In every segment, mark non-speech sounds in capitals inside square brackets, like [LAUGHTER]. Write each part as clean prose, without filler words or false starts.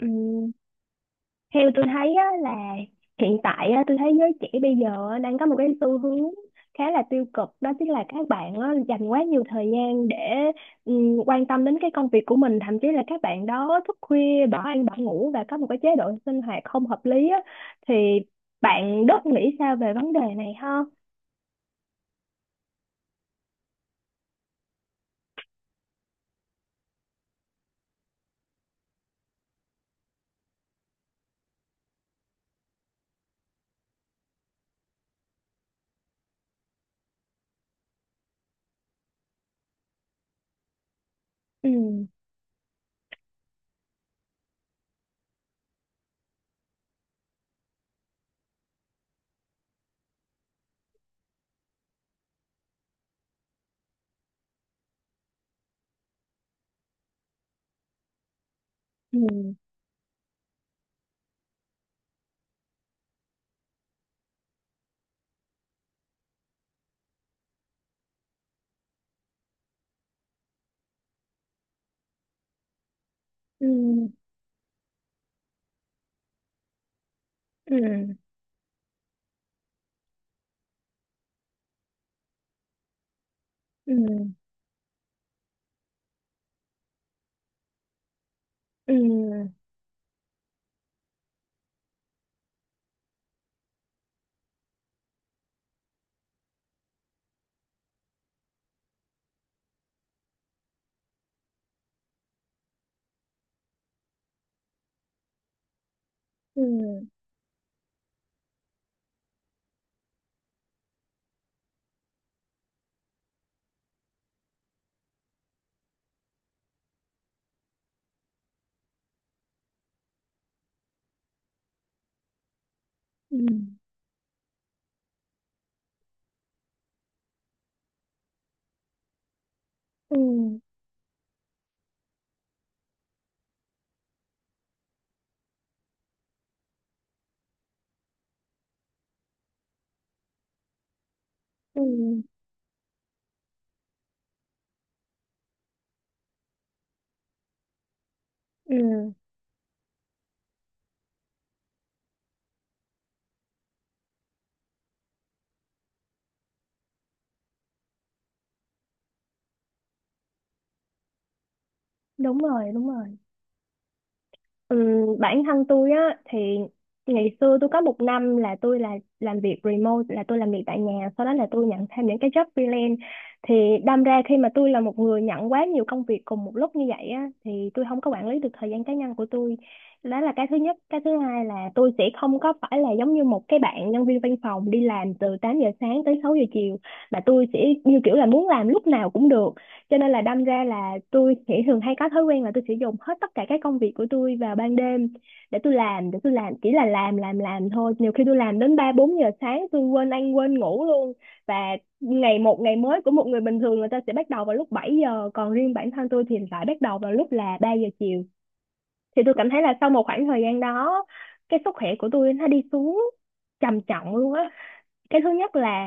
Ừm, theo tôi thấy á, là hiện tại á, tôi thấy giới trẻ bây giờ á, đang có một cái xu hướng khá là tiêu cực, đó chính là các bạn á, dành quá nhiều thời gian để quan tâm đến cái công việc của mình, thậm chí là các bạn đó thức khuya bỏ ăn bỏ ngủ và có một cái chế độ sinh hoạt không hợp lý á, thì bạn Đức nghĩ sao về vấn đề này ha? Ừ, ừ, ừ, ừ, ừ, ừ, ừ, ừ, ừ, ừ, ừ, đúng rồi, đúng rồi. Bản thân tôi á thì ngày xưa tôi có một năm là tôi làm việc remote, là tôi làm việc tại nhà, sau đó là tôi nhận thêm những cái job freelance, thì đâm ra khi mà tôi là một người nhận quá nhiều công việc cùng một lúc như vậy á thì tôi không có quản lý được thời gian cá nhân của tôi. Đó là cái thứ nhất. Cái thứ hai là tôi sẽ không có phải là giống như một cái bạn nhân viên văn phòng đi làm từ 8 giờ sáng tới 6 giờ chiều, mà tôi sẽ như kiểu là muốn làm lúc nào cũng được, cho nên là đâm ra là tôi sẽ thường hay có thói quen là tôi sẽ dùng hết tất cả các công việc của tôi vào ban đêm để tôi làm, để tôi làm, chỉ là làm thôi, nhiều khi tôi làm đến ba bốn giờ sáng, tôi quên ăn quên ngủ luôn. Và ngày một ngày mới của một người bình thường người ta sẽ bắt đầu vào lúc 7 giờ, còn riêng bản thân tôi thì lại bắt đầu vào lúc là 3 giờ chiều. Thì tôi cảm thấy là sau một khoảng thời gian đó, cái sức khỏe của tôi nó đi xuống trầm trọng luôn á. Cái thứ nhất là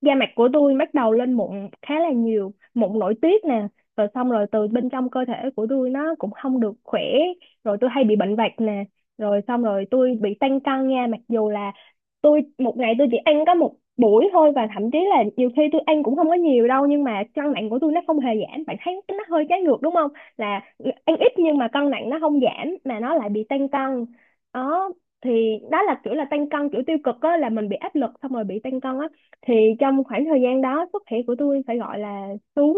da mặt của tôi bắt đầu lên mụn, khá là nhiều mụn nổi tiết nè, rồi xong rồi từ bên trong cơ thể của tôi nó cũng không được khỏe, rồi tôi hay bị bệnh vặt nè, rồi xong rồi tôi bị tăng cân nha. Mặc dù là tôi một ngày tôi chỉ ăn có một buổi thôi, và thậm chí là nhiều khi tôi ăn cũng không có nhiều đâu, nhưng mà cân nặng của tôi nó không hề giảm, bạn thấy nó hơi trái ngược đúng không, là ăn ít nhưng mà cân nặng nó không giảm mà nó lại bị tăng cân. Đó, thì đó là kiểu là tăng cân kiểu tiêu cực á, là mình bị áp lực xong rồi bị tăng cân á. Thì trong khoảng thời gian đó sức khỏe của tôi phải gọi là xuống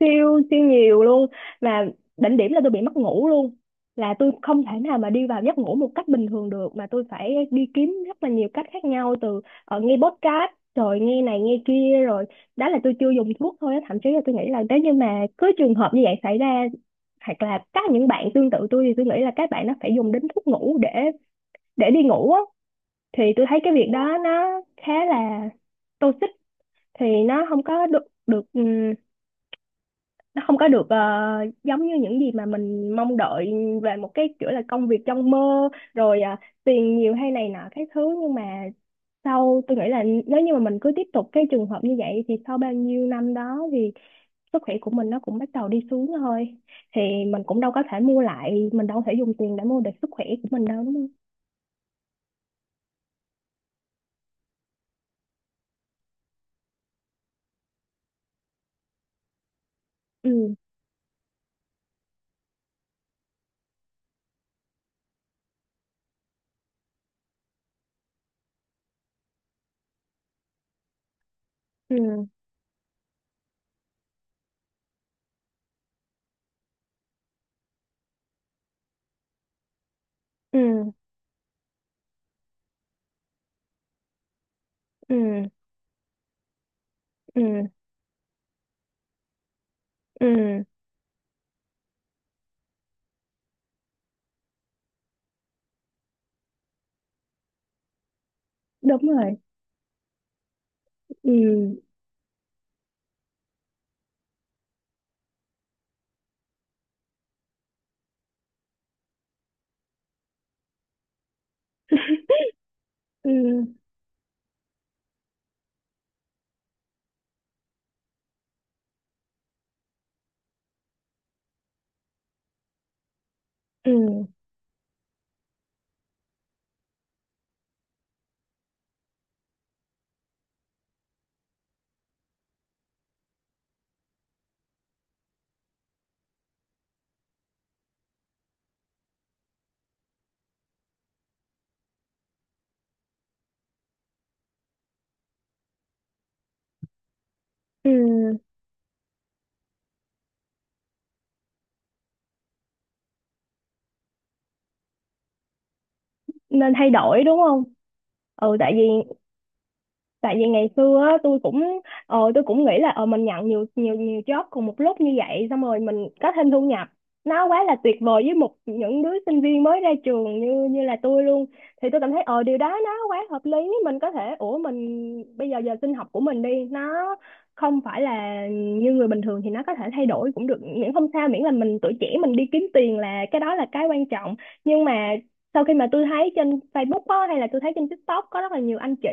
siêu siêu nhiều luôn, mà đỉnh điểm là tôi bị mất ngủ luôn, là tôi không thể nào mà đi vào giấc ngủ một cách bình thường được, mà tôi phải đi kiếm rất là nhiều cách khác nhau, từ nghe podcast rồi nghe này nghe kia, rồi đó là tôi chưa dùng thuốc thôi á. Thậm chí là tôi nghĩ là nếu như mà cứ trường hợp như vậy xảy ra, hoặc là các những bạn tương tự tôi, thì tôi nghĩ là các bạn nó phải dùng đến thuốc ngủ để đi ngủ á. Thì tôi thấy cái việc đó nó khá là toxic, thì nó không có được được nó không có được giống như những gì mà mình mong đợi về một cái kiểu là công việc trong mơ rồi, tiền nhiều hay này nọ cái thứ. Nhưng mà sau tôi nghĩ là nếu như mà mình cứ tiếp tục cái trường hợp như vậy thì sau bao nhiêu năm đó thì sức khỏe của mình nó cũng bắt đầu đi xuống thôi. Thì mình cũng đâu có thể mua lại, mình đâu có thể dùng tiền để mua được sức khỏe của mình đâu, đúng không? Ừ, ừ, ừ, ừ, ừ, ừ, đúng rồi, ừ, ừ, ừ, ừ, nên thay đổi đúng không. Ừ, tại vì, tại vì ngày xưa á, tôi cũng tôi cũng nghĩ là mình nhận nhiều nhiều nhiều job cùng một lúc như vậy, xong rồi mình có thêm thu nhập, nó quá là tuyệt vời với một những đứa sinh viên mới ra trường như như là tôi luôn. Thì tôi cảm thấy ờ điều đó nó quá hợp lý, mình có thể, ủa mình bây giờ giờ sinh học của mình đi nó không phải là như người bình thường thì nó có thể thay đổi cũng được, miễn không sao, miễn là mình tuổi trẻ mình đi kiếm tiền là cái đó là cái quan trọng. Nhưng mà sau khi mà tôi thấy trên Facebook á, hay là tôi thấy trên TikTok, có rất là nhiều anh chị.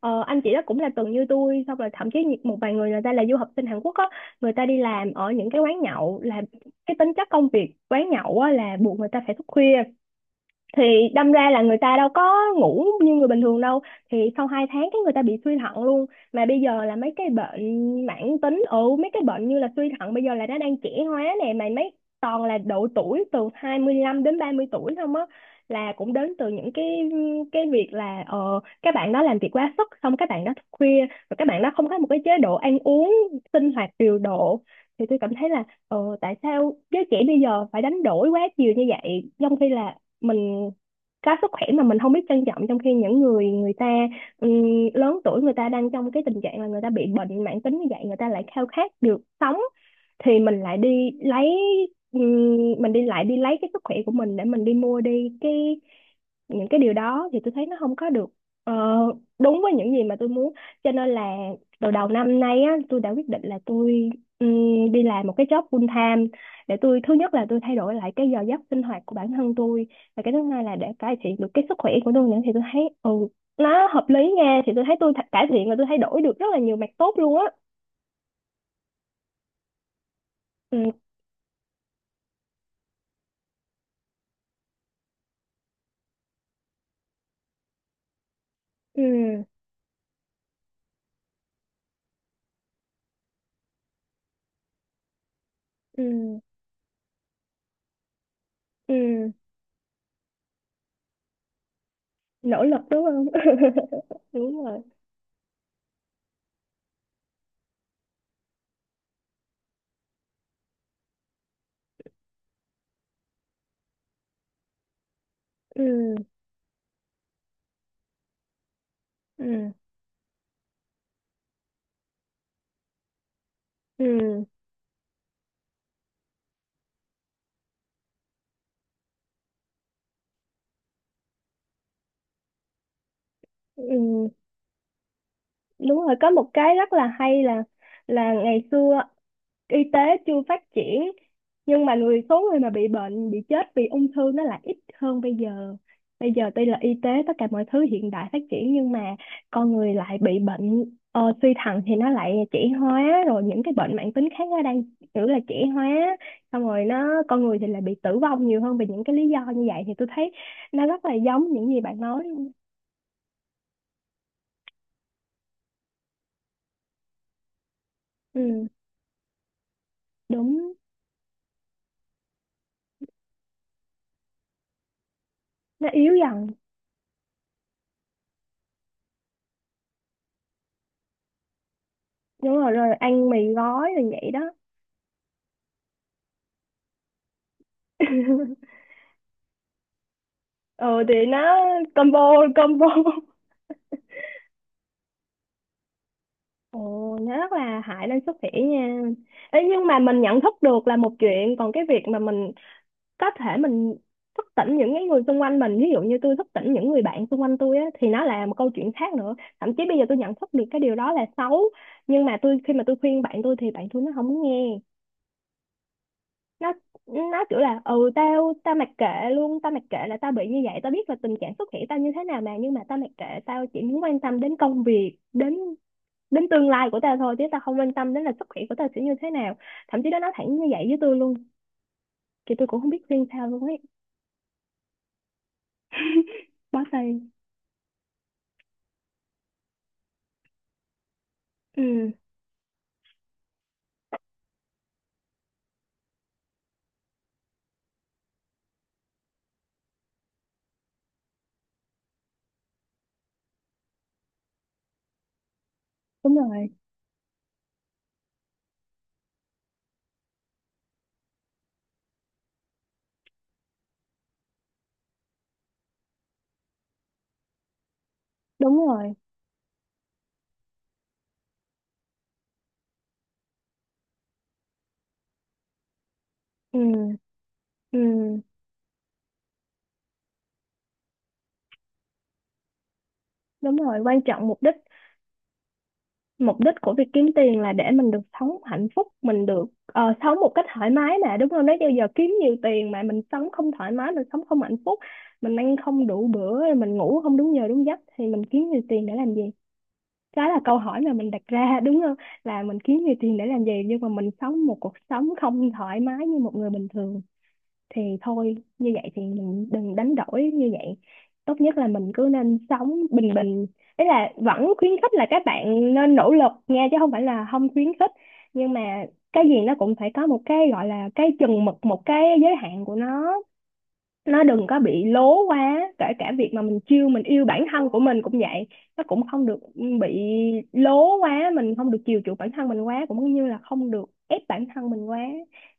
Ờ, anh chị đó cũng là từng như tôi, xong rồi thậm chí một vài người, người ta là du học sinh Hàn Quốc á, người ta đi làm ở những cái quán nhậu, là cái tính chất công việc quán nhậu á là buộc người ta phải thức khuya, thì đâm ra là người ta đâu có ngủ như người bình thường đâu. Thì sau 2 tháng cái người ta bị suy thận luôn. Mà bây giờ là mấy cái bệnh mãn tính, ừ mấy cái bệnh như là suy thận bây giờ là nó đang trẻ hóa nè, mà mấy toàn là độ tuổi từ 25 đến 30 tuổi không á, là cũng đến từ những cái việc là ờ các bạn đó làm việc quá sức, xong các bạn đó thức khuya, rồi các bạn đó không có một cái chế độ ăn uống sinh hoạt điều độ. Thì tôi cảm thấy là ờ tại sao giới trẻ bây giờ phải đánh đổi quá nhiều như vậy, trong khi là mình có sức khỏe mà mình không biết trân trọng, trong khi những người, người ta ừm, lớn tuổi, người ta đang trong cái tình trạng là người ta bị bệnh mãn tính như vậy, người ta lại khao khát được sống. Thì mình lại đi lấy, mình đi lại đi lấy cái sức khỏe của mình để mình đi mua đi cái những cái điều đó, thì tôi thấy nó không có được ờ, đúng với những gì mà tôi muốn. Cho nên là từ đầu năm nay á tôi đã quyết định là tôi đi làm một cái job full time, để tôi thứ nhất là tôi thay đổi lại cái giờ giấc sinh hoạt của bản thân tôi, và cái thứ hai là để cải thiện được cái sức khỏe của tôi nữa. Thì tôi thấy ừ nó hợp lý nha, thì tôi thấy cải thiện và tôi thấy đổi được rất là nhiều mặt tốt luôn á. Ừ, ừ, ừ, ừ, nỗ lực đúng không [LAUGHS] đúng rồi. Ừ, ừ, ừ, ừ, đúng rồi, có một cái rất là hay là ngày xưa y tế chưa phát triển, nhưng mà người số người mà bị bệnh bị chết vì ung thư nó lại ít hơn bây giờ. Bây giờ tuy là y tế tất cả mọi thứ hiện đại phát triển, nhưng mà con người lại bị bệnh suy thận thì nó lại trẻ hóa, rồi những cái bệnh mãn tính khác nó đang kiểu là trẻ hóa, xong rồi nó con người thì lại bị tử vong nhiều hơn vì những cái lý do như vậy. Thì tôi thấy nó rất là giống những gì bạn nói. Ừ, đúng, nó yếu dần. Đúng rồi, rồi ăn mì gói rồi vậy đó. Ừ, thì nó combo, combo. Ồ, nó rất là hại lên sức khỏe nha. Ê, nhưng mà mình nhận thức được là một chuyện, còn cái việc mà mình có thể mình thức tỉnh những cái người xung quanh mình, ví dụ như tôi thức tỉnh những người bạn xung quanh tôi á, thì nó là một câu chuyện khác nữa. Thậm chí bây giờ tôi nhận thức được cái điều đó là xấu, nhưng mà tôi, khi mà tôi khuyên bạn tôi thì bạn tôi nó không muốn nghe. nó nó kiểu là ừ tao tao mặc kệ luôn, tao mặc kệ, là tao bị như vậy tao biết là tình trạng sức khỏe tao như thế nào mà, nhưng mà tao mặc kệ, tao chỉ muốn quan tâm đến công việc, đến đến tương lai của tao thôi, chứ tao không quan tâm đến là sức khỏe của tao sẽ như thế nào. Thậm chí nó nói thẳng như vậy với tôi luôn, thì tôi cũng không biết khuyên sao luôn ấy. Bó tay. Ừ, đúng rồi, đúng rồi. Ừ, ừ, đúng rồi, quan trọng mục đích, mục đích của việc kiếm tiền là để mình được sống hạnh phúc, mình được sống một cách thoải mái mà, đúng không? Nếu như giờ kiếm nhiều tiền mà mình sống không thoải mái, mình sống không hạnh phúc, mình ăn không đủ bữa, mình ngủ không đúng giờ đúng giấc, thì mình kiếm nhiều tiền để làm gì? Đó là câu hỏi mà mình đặt ra, đúng không? Là mình kiếm nhiều tiền để làm gì nhưng mà mình sống một cuộc sống không thoải mái như một người bình thường. Thì thôi như vậy thì mình đừng đánh đổi như vậy, tốt nhất là mình cứ nên sống bình bình. Ý là vẫn khuyến khích là các bạn nên nỗ lực nha, chứ không phải là không khuyến khích, nhưng mà cái gì nó cũng phải có một cái gọi là cái chừng mực, một cái giới hạn của nó đừng có bị lố quá, kể cả việc mà mình chiêu mình yêu bản thân của mình cũng vậy, nó cũng không được bị lố quá. Mình không được chiều chuộng bản thân mình quá, cũng như là không được ép bản thân mình quá,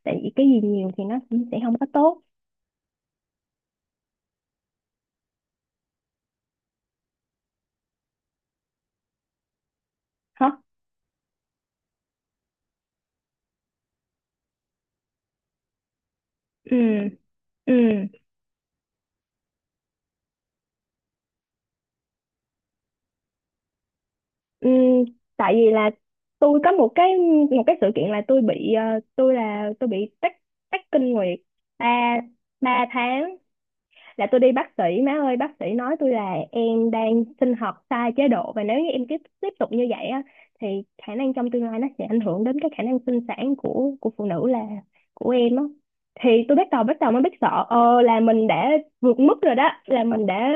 tại vì cái gì nhiều thì nó cũng sẽ không có tốt. Hả? Ừ, ừ, ừ, tại vì là tôi có một cái, một cái sự kiện là tôi bị tôi bị tắc tắc kinh nguyệt ba ba tháng, là tôi đi bác sĩ. Má ơi bác sĩ nói tôi là em đang sinh hoạt sai chế độ, và nếu như em tiếp tiếp tục như vậy á thì khả năng trong tương lai nó sẽ ảnh hưởng đến cái khả năng sinh sản của phụ nữ, là của em á. Thì tôi bắt đầu, bắt đầu mới biết sợ, ờ là mình đã vượt mức rồi, đó là mình đã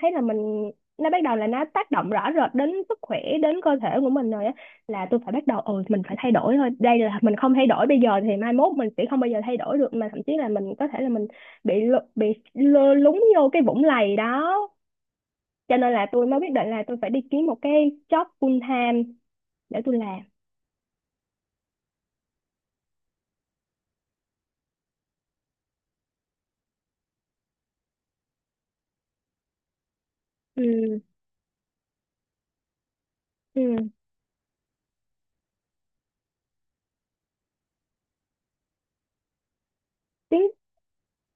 thấy là mình, nó bắt đầu là nó tác động rõ rệt đến sức khỏe, đến cơ thể của mình rồi á, là tôi phải bắt đầu ừ mình phải thay đổi thôi, đây là mình không thay đổi bây giờ thì mai mốt mình sẽ không bao giờ thay đổi được, mà thậm chí là mình có thể là mình bị lơ lúng vô cái vũng lầy đó. Cho nên là tôi mới quyết định là tôi phải đi kiếm một cái job full time để tôi làm. Ừ, ừ, tiếng,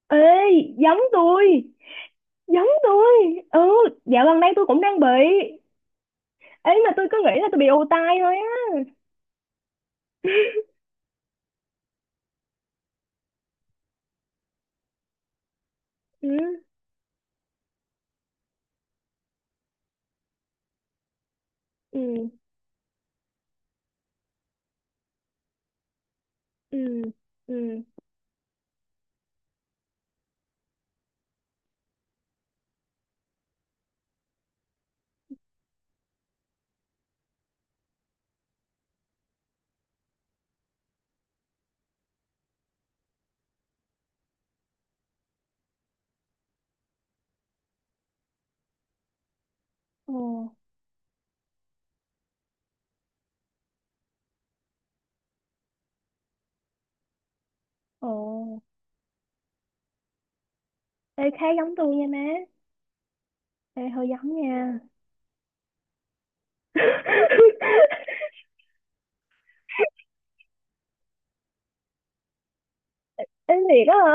ê giống tôi, giống tôi. Ừ, dạo gần đây tôi cũng đang bị, ấy mà tôi cứ nghĩ là tôi bị ù tai thôi á. Ừ, ừ, ừ, ừ, ồ, ồ, ê khá giống tôi nha má. Ê hơi giống nha. [LAUGHS] Ê thiệt đó, hả?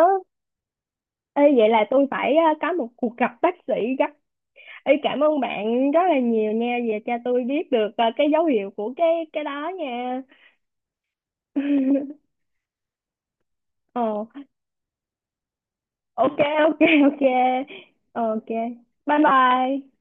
Ê vậy là tôi phải có một cuộc gặp bác sĩ gấp. Ê, cảm ơn bạn rất là nhiều nha, về cho tôi biết được cái dấu hiệu của cái đó nha. [LAUGHS] Ờ, ok, ok, ok. Ờ, ok, bye bye.